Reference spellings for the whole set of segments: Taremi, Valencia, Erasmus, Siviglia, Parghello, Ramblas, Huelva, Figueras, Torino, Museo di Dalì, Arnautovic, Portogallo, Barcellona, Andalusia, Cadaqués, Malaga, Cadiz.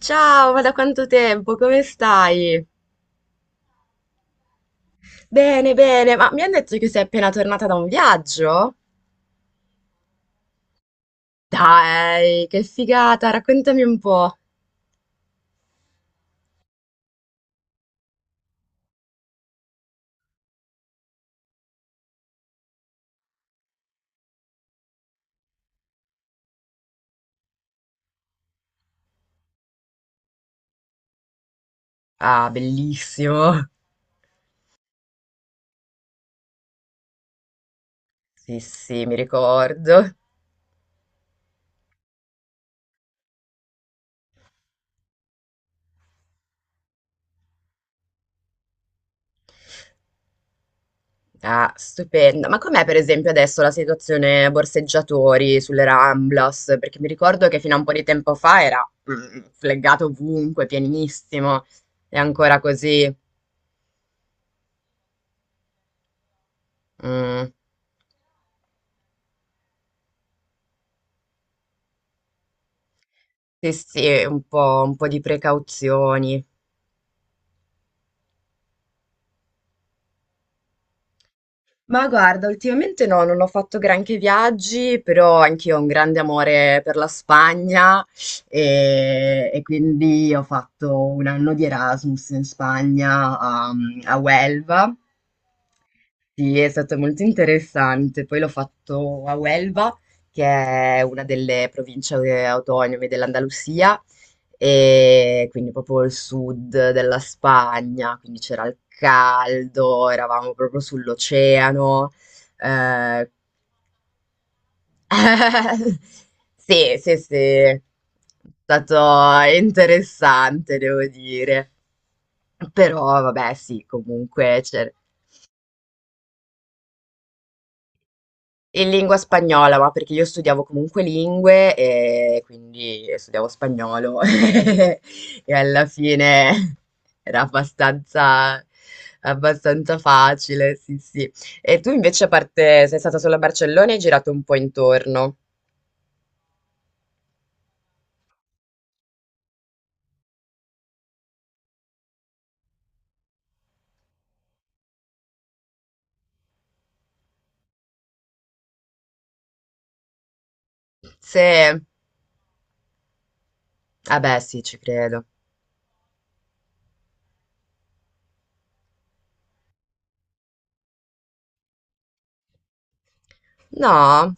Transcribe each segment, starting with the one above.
Ciao, ma da quanto tempo? Come stai? Bene, bene, ma mi hanno detto che sei appena tornata da un viaggio? Dai, che figata, raccontami un po'. Ah, bellissimo. Sì, sì, mi ricordo. Ah, stupendo. Ma com'è per esempio adesso la situazione borseggiatori sulle Ramblas? Perché mi ricordo che fino a un po' di tempo fa era fleggato ovunque, pienissimo. È ancora così. Mm. Sì, sì, un po' di precauzioni. Ma guarda, ultimamente no, non ho fatto granché viaggi, però anch'io ho un grande amore per la Spagna e, quindi ho fatto un anno di Erasmus in Spagna a, a Huelva, sì, è stato molto interessante. Poi l'ho fatto a Huelva, che è una delle province, autonome dell'Andalusia, e quindi proprio il sud della Spagna, quindi c'era il caldo, eravamo proprio sull'oceano. Eh. Sì, sì, sì, è stato interessante, devo dire. Però vabbè, sì, comunque c'era. In lingua spagnola, ma perché io studiavo comunque lingue e quindi studiavo spagnolo, e alla fine era abbastanza, abbastanza facile, sì, sì. E tu invece, a parte, sei stata solo a Barcellona e hai girato un po' intorno. Se... Ah beh, sì, ci credo. No?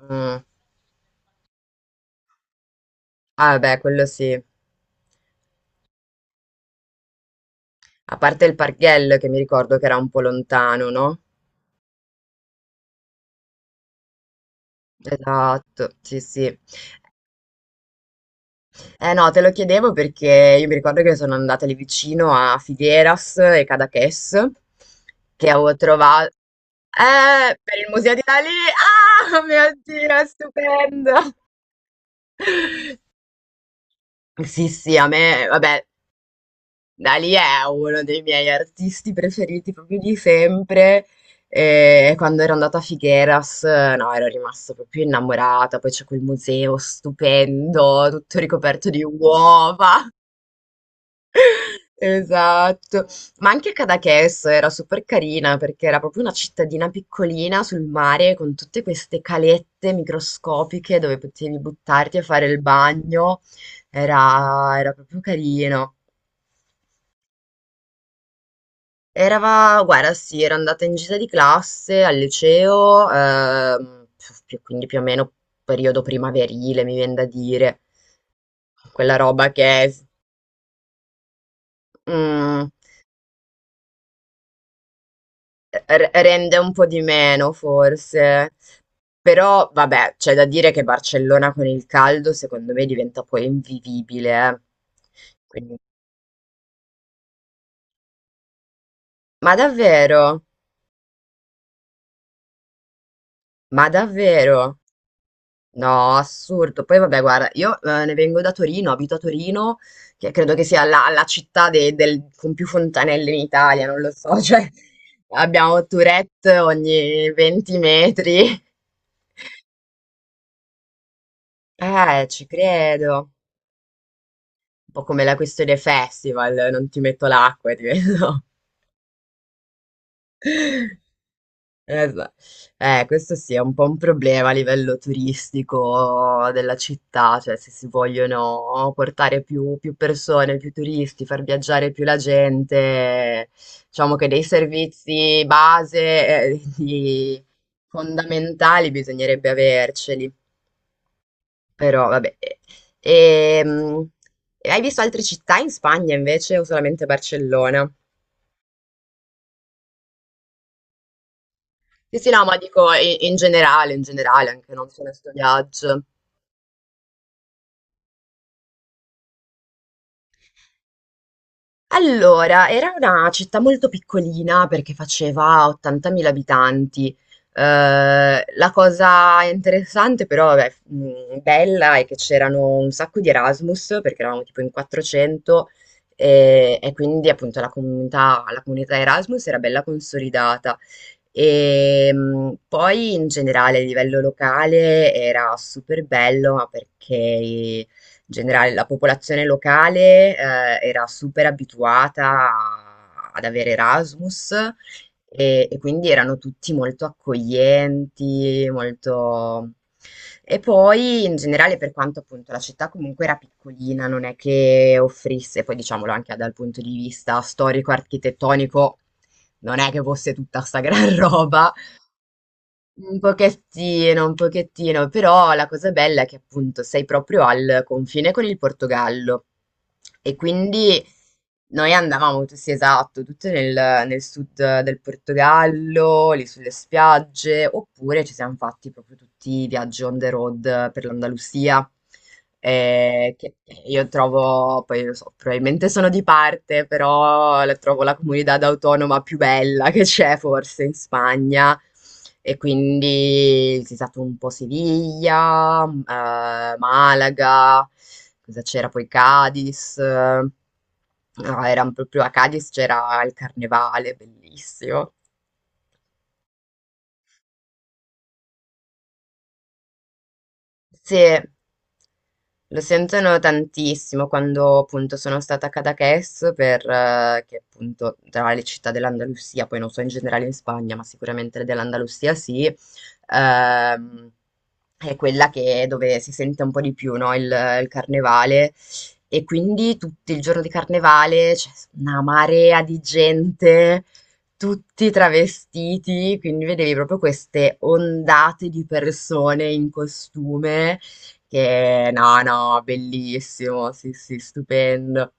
Mm. Ah beh, quello sì. A parte il Parghello, che mi ricordo che era un po' lontano, no? Esatto, sì, sì. Eh no, te lo chiedevo perché io mi ricordo che sono andata lì vicino a Figueras e Cadaqués, che avevo trovato... per il Museo di Dalì! Ah, mio Dio, è stupendo! Sì, sì, a me, vabbè, Dalì è uno dei miei artisti preferiti proprio di sempre. E quando ero andata a Figueras, no, ero rimasta proprio innamorata. Poi c'è quel museo stupendo, tutto ricoperto di uova. Esatto, ma anche Cadaqués era super carina perché era proprio una cittadina piccolina sul mare con tutte queste calette microscopiche dove potevi buttarti a fare il bagno, era, era proprio carino. Era, guarda, sì, era andata in gita di classe al liceo, quindi più o meno periodo primaverile, mi viene da dire, quella roba che è... mm, rende un po' di meno forse. Però vabbè, c'è da dire che Barcellona con il caldo secondo me diventa poi invivibile. Eh. Quindi- ma davvero? Ma davvero? No, assurdo. Poi vabbè, guarda, io, ne vengo da Torino, abito a Torino, che credo che sia la, la città con più fontanelle in Italia, non lo so, cioè abbiamo Tourette ogni 20 metri. Ci credo. Un po' come la questione festival, non ti metto l'acqua e ti vedo. Esa, questo sì, è un po' un problema a livello turistico della città, cioè se si vogliono portare più, più persone, più turisti, far viaggiare più la gente, diciamo che dei servizi base, eh, di- fondamentali bisognerebbe averceli. Però vabbè. Ehm, hai visto altre città in Spagna invece o solamente Barcellona? Sì, sì, no, ma dico i in generale, anche non solo 'sto viaggio. Allora, era una città molto piccolina perché faceva 80.000 abitanti. La cosa interessante però, vabbè, bella, è che c'erano un sacco di Erasmus perché eravamo tipo in 400, e, quindi appunto la comunità Erasmus era bella consolidata. E poi in generale a livello locale era super bello ma perché in generale la popolazione locale, era super abituata ad avere Erasmus e, quindi erano tutti molto accoglienti, molto... E poi in generale per quanto appunto la città comunque era piccolina, non è che offrisse, poi diciamolo anche dal punto di vista storico-architettonico, non è che fosse tutta sta gran roba, un pochettino, però la cosa bella è che appunto sei proprio al confine con il Portogallo e quindi noi andavamo, sì esatto, tutte nel, nel sud del Portogallo, lì sulle spiagge, oppure ci siamo fatti proprio tutti i viaggi on the road per l'Andalusia, che io trovo, poi lo so, probabilmente sono di parte, però la trovo la comunità autonoma più bella che c'è forse in Spagna. E quindi si è stato un po' Siviglia, Malaga, cosa c'era poi Cadiz. Eh, no, era proprio a Cadiz c'era il carnevale, bellissimo. Sì, lo sentono tantissimo quando appunto sono stata a Cadaqués per, che appunto tra le città dell'Andalusia, poi non so in generale in Spagna, ma sicuramente dell'Andalusia sì, è quella che, dove si sente un po' di più, no? Il carnevale. E quindi tutto il giorno di carnevale c'è una marea di gente tutti travestiti, quindi vedevi proprio queste ondate di persone in costume che no, no, bellissimo, sì, sì, stupendo.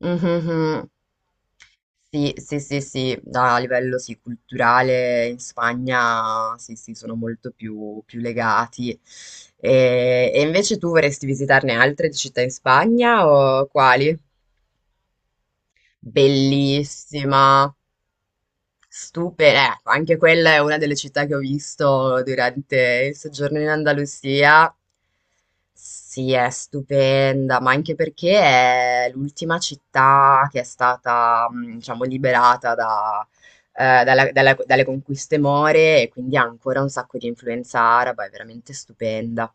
Mhm. Sì, sì, sì, sì, no, a livello sì, culturale in Spagna sì, sì, sono molto più, più legati. E, invece tu vorresti visitarne altre di città in Spagna o quali? Bellissima. Stupenda, ecco, anche quella è una delle città che ho visto durante il soggiorno in Andalusia. Sì, è stupenda, ma anche perché è l'ultima città che è stata, diciamo, liberata da, dalle conquiste more e quindi ha ancora un sacco di influenza araba, è veramente stupenda.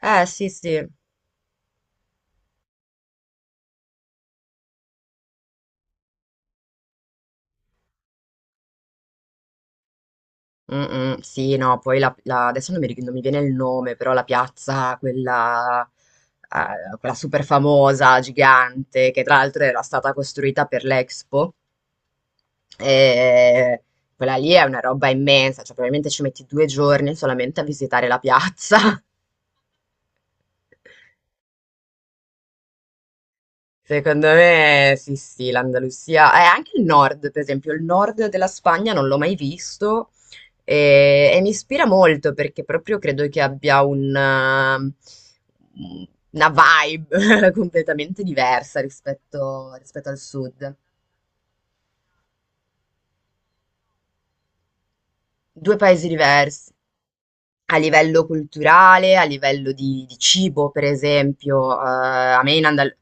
Sì, sì. Mh-mh, sì, no, poi la adesso non mi viene il nome, però la piazza quella, quella super famosa, gigante, che tra l'altro era stata costruita per l'Expo. Ehm, quella lì è una roba immensa, cioè probabilmente ci metti 2 giorni solamente a visitare la piazza. Secondo me sì, sì, l'Andalusia e anche il nord, per esempio, il nord della Spagna non l'ho mai visto e, mi ispira molto perché proprio credo che abbia un, una vibe completamente diversa rispetto, rispetto al sud. Due paesi diversi a livello culturale, a livello di cibo, per esempio. A me in Andalusia.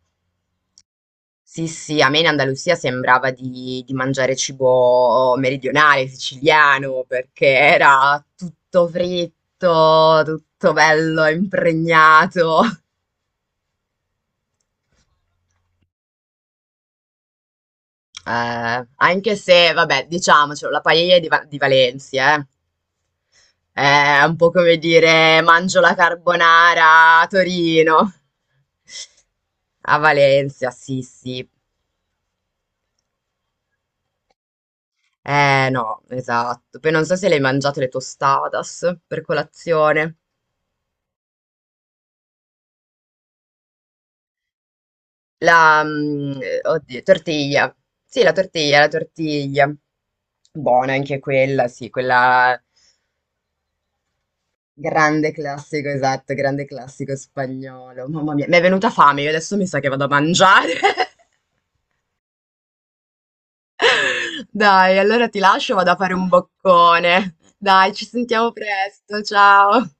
Sì, sì, a me in Andalusia sembrava di mangiare cibo, oh, meridionale, siciliano, perché era tutto fritto, tutto bello, impregnato. Anche se, vabbè, diciamocelo, la paella di, di Valencia, eh. È un po' come dire mangio la carbonara a Torino. A Valencia, sì, sì. Eh no, esatto. Poi non so se le hai mangiato le tostadas per colazione. La, mm, oddio, tortiglia. Sì, la tortiglia, la tortiglia. Buona anche quella, sì, quella grande classico, esatto, grande classico spagnolo. Mamma mia, mi è venuta fame, io adesso mi sa che vado a mangiare. Dai, allora ti lascio, vado a fare un boccone. Dai, ci sentiamo presto, ciao.